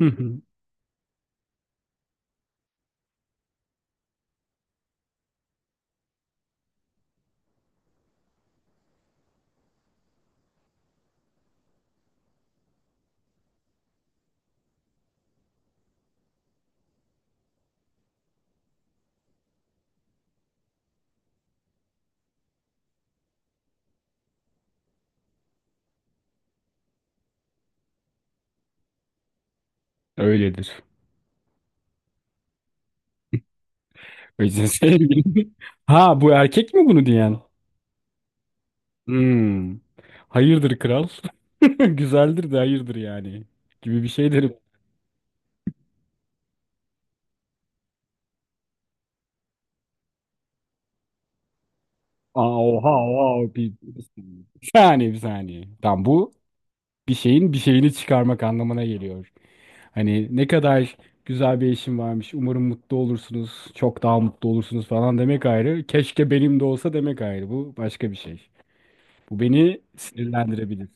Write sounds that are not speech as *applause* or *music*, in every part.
Hı hı. Öyledir. O yüzden sevgilim. *laughs* Ha, bu erkek mi bunu diyen? Hmm. Hayırdır kral. *laughs* Güzeldir de hayırdır yani. Gibi bir şey derim. Aa, oha oha. Bir saniye, bir saniye. Tamam, bu bir şeyin bir şeyini çıkarmak anlamına geliyor. Hani ne kadar güzel bir eşim varmış. Umarım mutlu olursunuz. Çok daha mutlu olursunuz falan demek ayrı. Keşke benim de olsa demek ayrı. Bu başka bir şey. Bu beni sinirlendirebilir.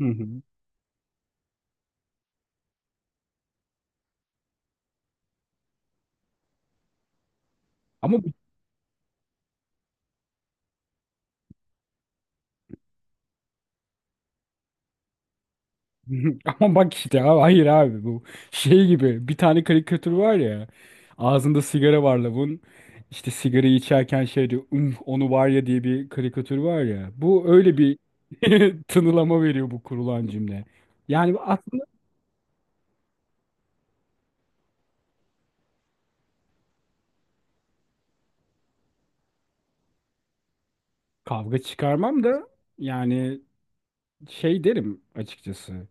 Hı hı. Ama *laughs* Ama bak işte abi, hayır abi, bu şey gibi, bir tane karikatür var ya, ağzında sigara var lavun, işte sigarayı içerken şey diyor, onu var ya," diye bir karikatür var ya, bu öyle bir *laughs* tınılama veriyor bu kurulan cümle. Yani aslında kavga çıkarmam da, yani şey derim açıkçası,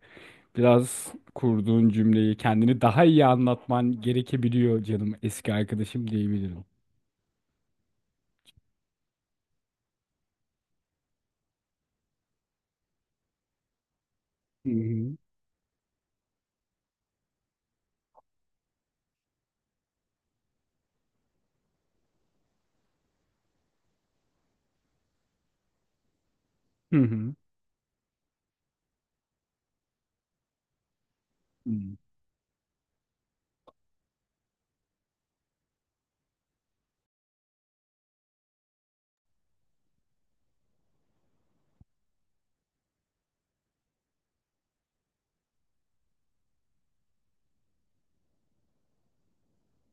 biraz kurduğun cümleyi, kendini daha iyi anlatman gerekebiliyor canım eski arkadaşım diyebilirim. Hı hı. Hı hı. Hı.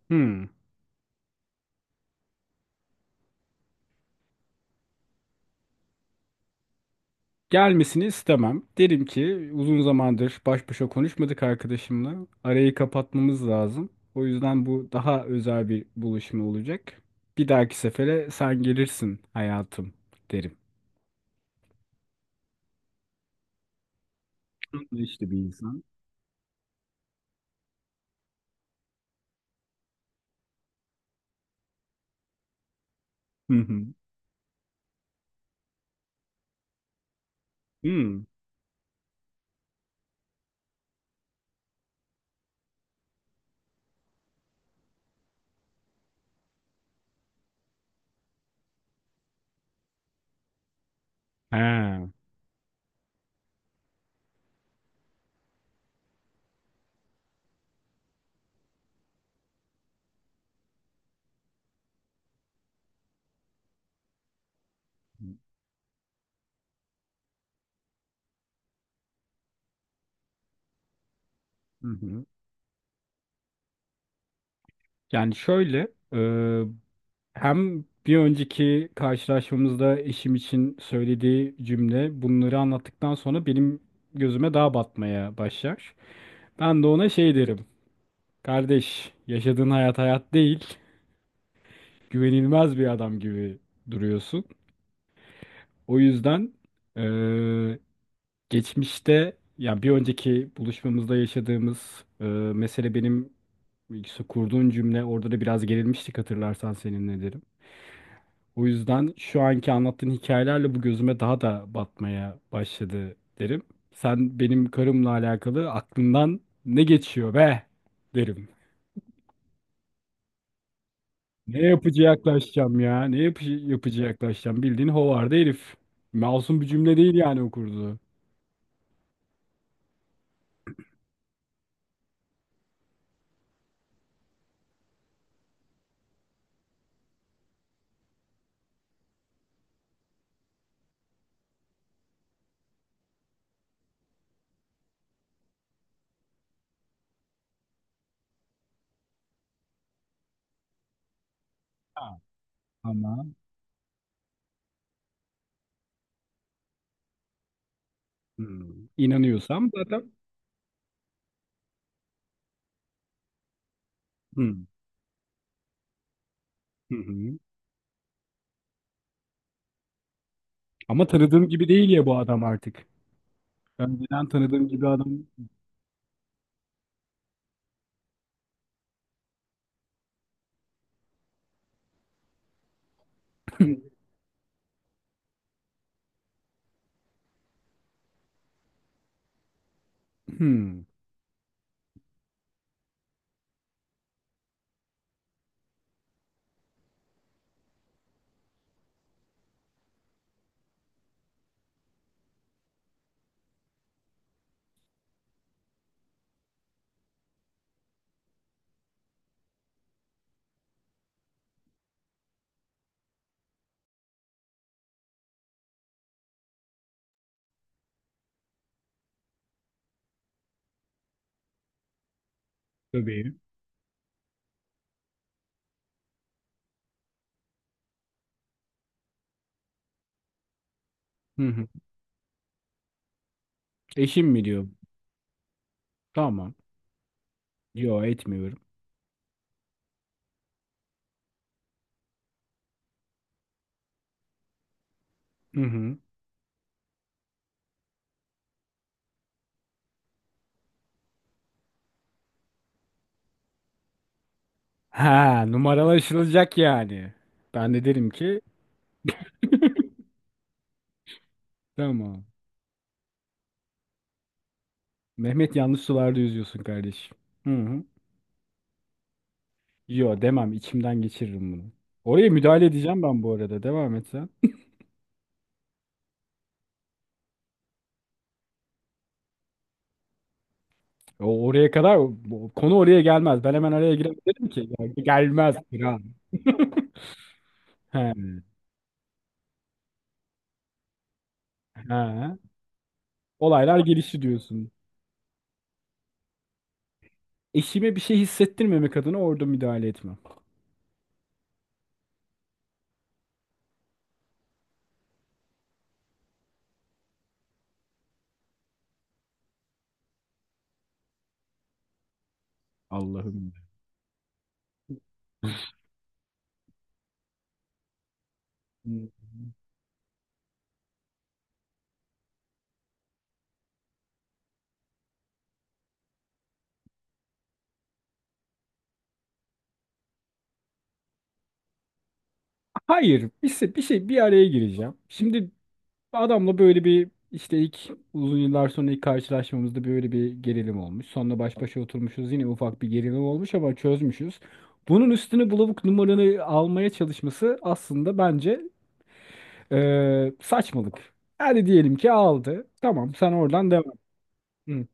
Hı. Gelmesini istemem. Derim ki uzun zamandır baş başa konuşmadık arkadaşımla. Arayı kapatmamız lazım. O yüzden bu daha özel bir buluşma olacak. Bir dahaki sefere sen gelirsin hayatım derim. İşte bir insan. Hı hı. Hmm. He. Hı hı. Yani şöyle, e, hem bir önceki karşılaşmamızda eşim için söylediği cümle, bunları anlattıktan sonra benim gözüme daha batmaya başlar. Ben de ona şey derim. Kardeş, yaşadığın hayat hayat değil. Güvenilmez bir adam gibi duruyorsun. O yüzden eee, geçmişte, yani bir önceki buluşmamızda yaşadığımız mesele, benim işte kurduğun cümle, orada da biraz gerilmiştik hatırlarsan seninle derim. O yüzden şu anki anlattığın hikayelerle bu gözüme daha da batmaya başladı derim. Sen benim karımla alakalı aklından ne geçiyor be derim. Ne yapıcı yaklaşacağım ya? Ne yapıcı yaklaşacağım? Bildiğin hovarda herif. Masum bir cümle değil yani o kurduğu. Ha, tamam. Hmm. İnanıyorsam zaten. Hmm. Hı hı. Ama tanıdığım gibi değil ya bu adam artık. Önceden tanıdığım gibi adam. *laughs* Hmm. Tabii. Hı hı. Eşim mi diyor? Tamam. Yo, etmiyorum. Hı hı. Ha, numaralaşılacak yani. Ben de derim ki tamam. Mehmet, yanlış sularda yüzüyorsun kardeşim. Hı hı. Yo, demem, içimden geçiririm bunu. Oraya müdahale edeceğim ben, bu arada devam et sen. O oraya kadar konu oraya gelmez. Ben hemen araya giremedim ki. Ya, gelmez kral. *laughs* He, he. Olaylar gelişti diyorsun. Eşime bir şey hissettirmemek adına orada müdahale etmem. Allah'ım. Hayır, bir şey, bir araya gireceğim. Şimdi adamla böyle bir işte ilk, uzun yıllar sonra ilk karşılaşmamızda böyle bir gerilim olmuş. Sonra baş başa oturmuşuz yine ufak bir gerilim olmuş ama çözmüşüz. Bunun üstüne bulavuk numaranı almaya çalışması aslında bence saçmalık. Hadi diyelim ki aldı. Tamam, sen oradan devam. Hı.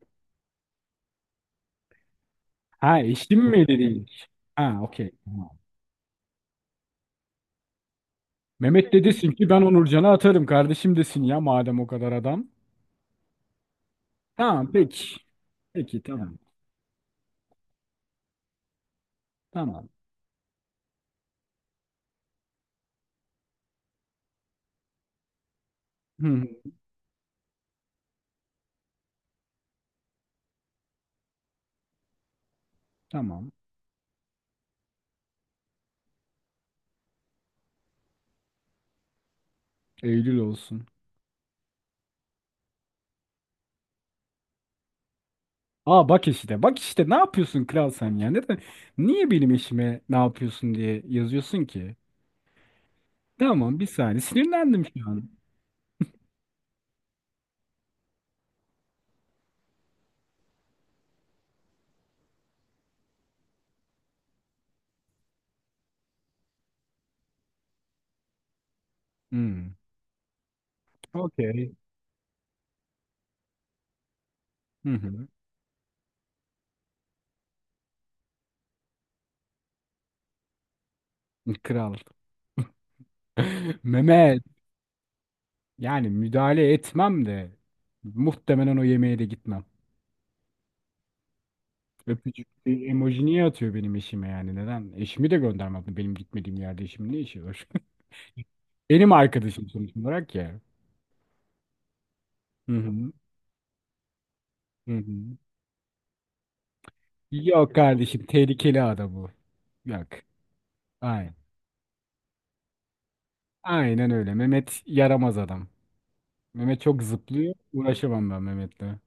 Ha, eşim mi dediymiş. Ha, okey. Tamam. Mehmet de desin ki ben Onurcan'a atarım kardeşim desin ya, madem o kadar adam. Tamam peki. Peki tamam. Tamam. Hı, hı, tamam. Eylül olsun. Aa, bak işte, bak işte ne yapıyorsun kral sen ya? Neden, niye benim eşime ne yapıyorsun diye yazıyorsun ki? Tamam, bir saniye, sinirlendim şu an. Hmm. Okey. Hı hı. Kral. *laughs* Mehmet, yani müdahale etmem de muhtemelen o yemeğe de gitmem. Öpücük emoji niye atıyor benim eşime, yani neden? Eşimi de göndermedi, benim gitmediğim yerde eşimin ne işi var? *laughs* Benim arkadaşım sonuç olarak ya. Hı hı. Hı hı. Yok kardeşim, tehlikeli ada bu. Yok. Aynen. Aynen öyle. Mehmet yaramaz adam. Mehmet çok zıplıyor. Uğraşamam ben Mehmet'le.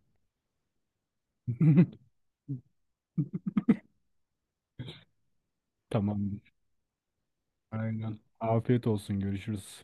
*laughs* Tamamdır. Aynen. Afiyet olsun. Görüşürüz.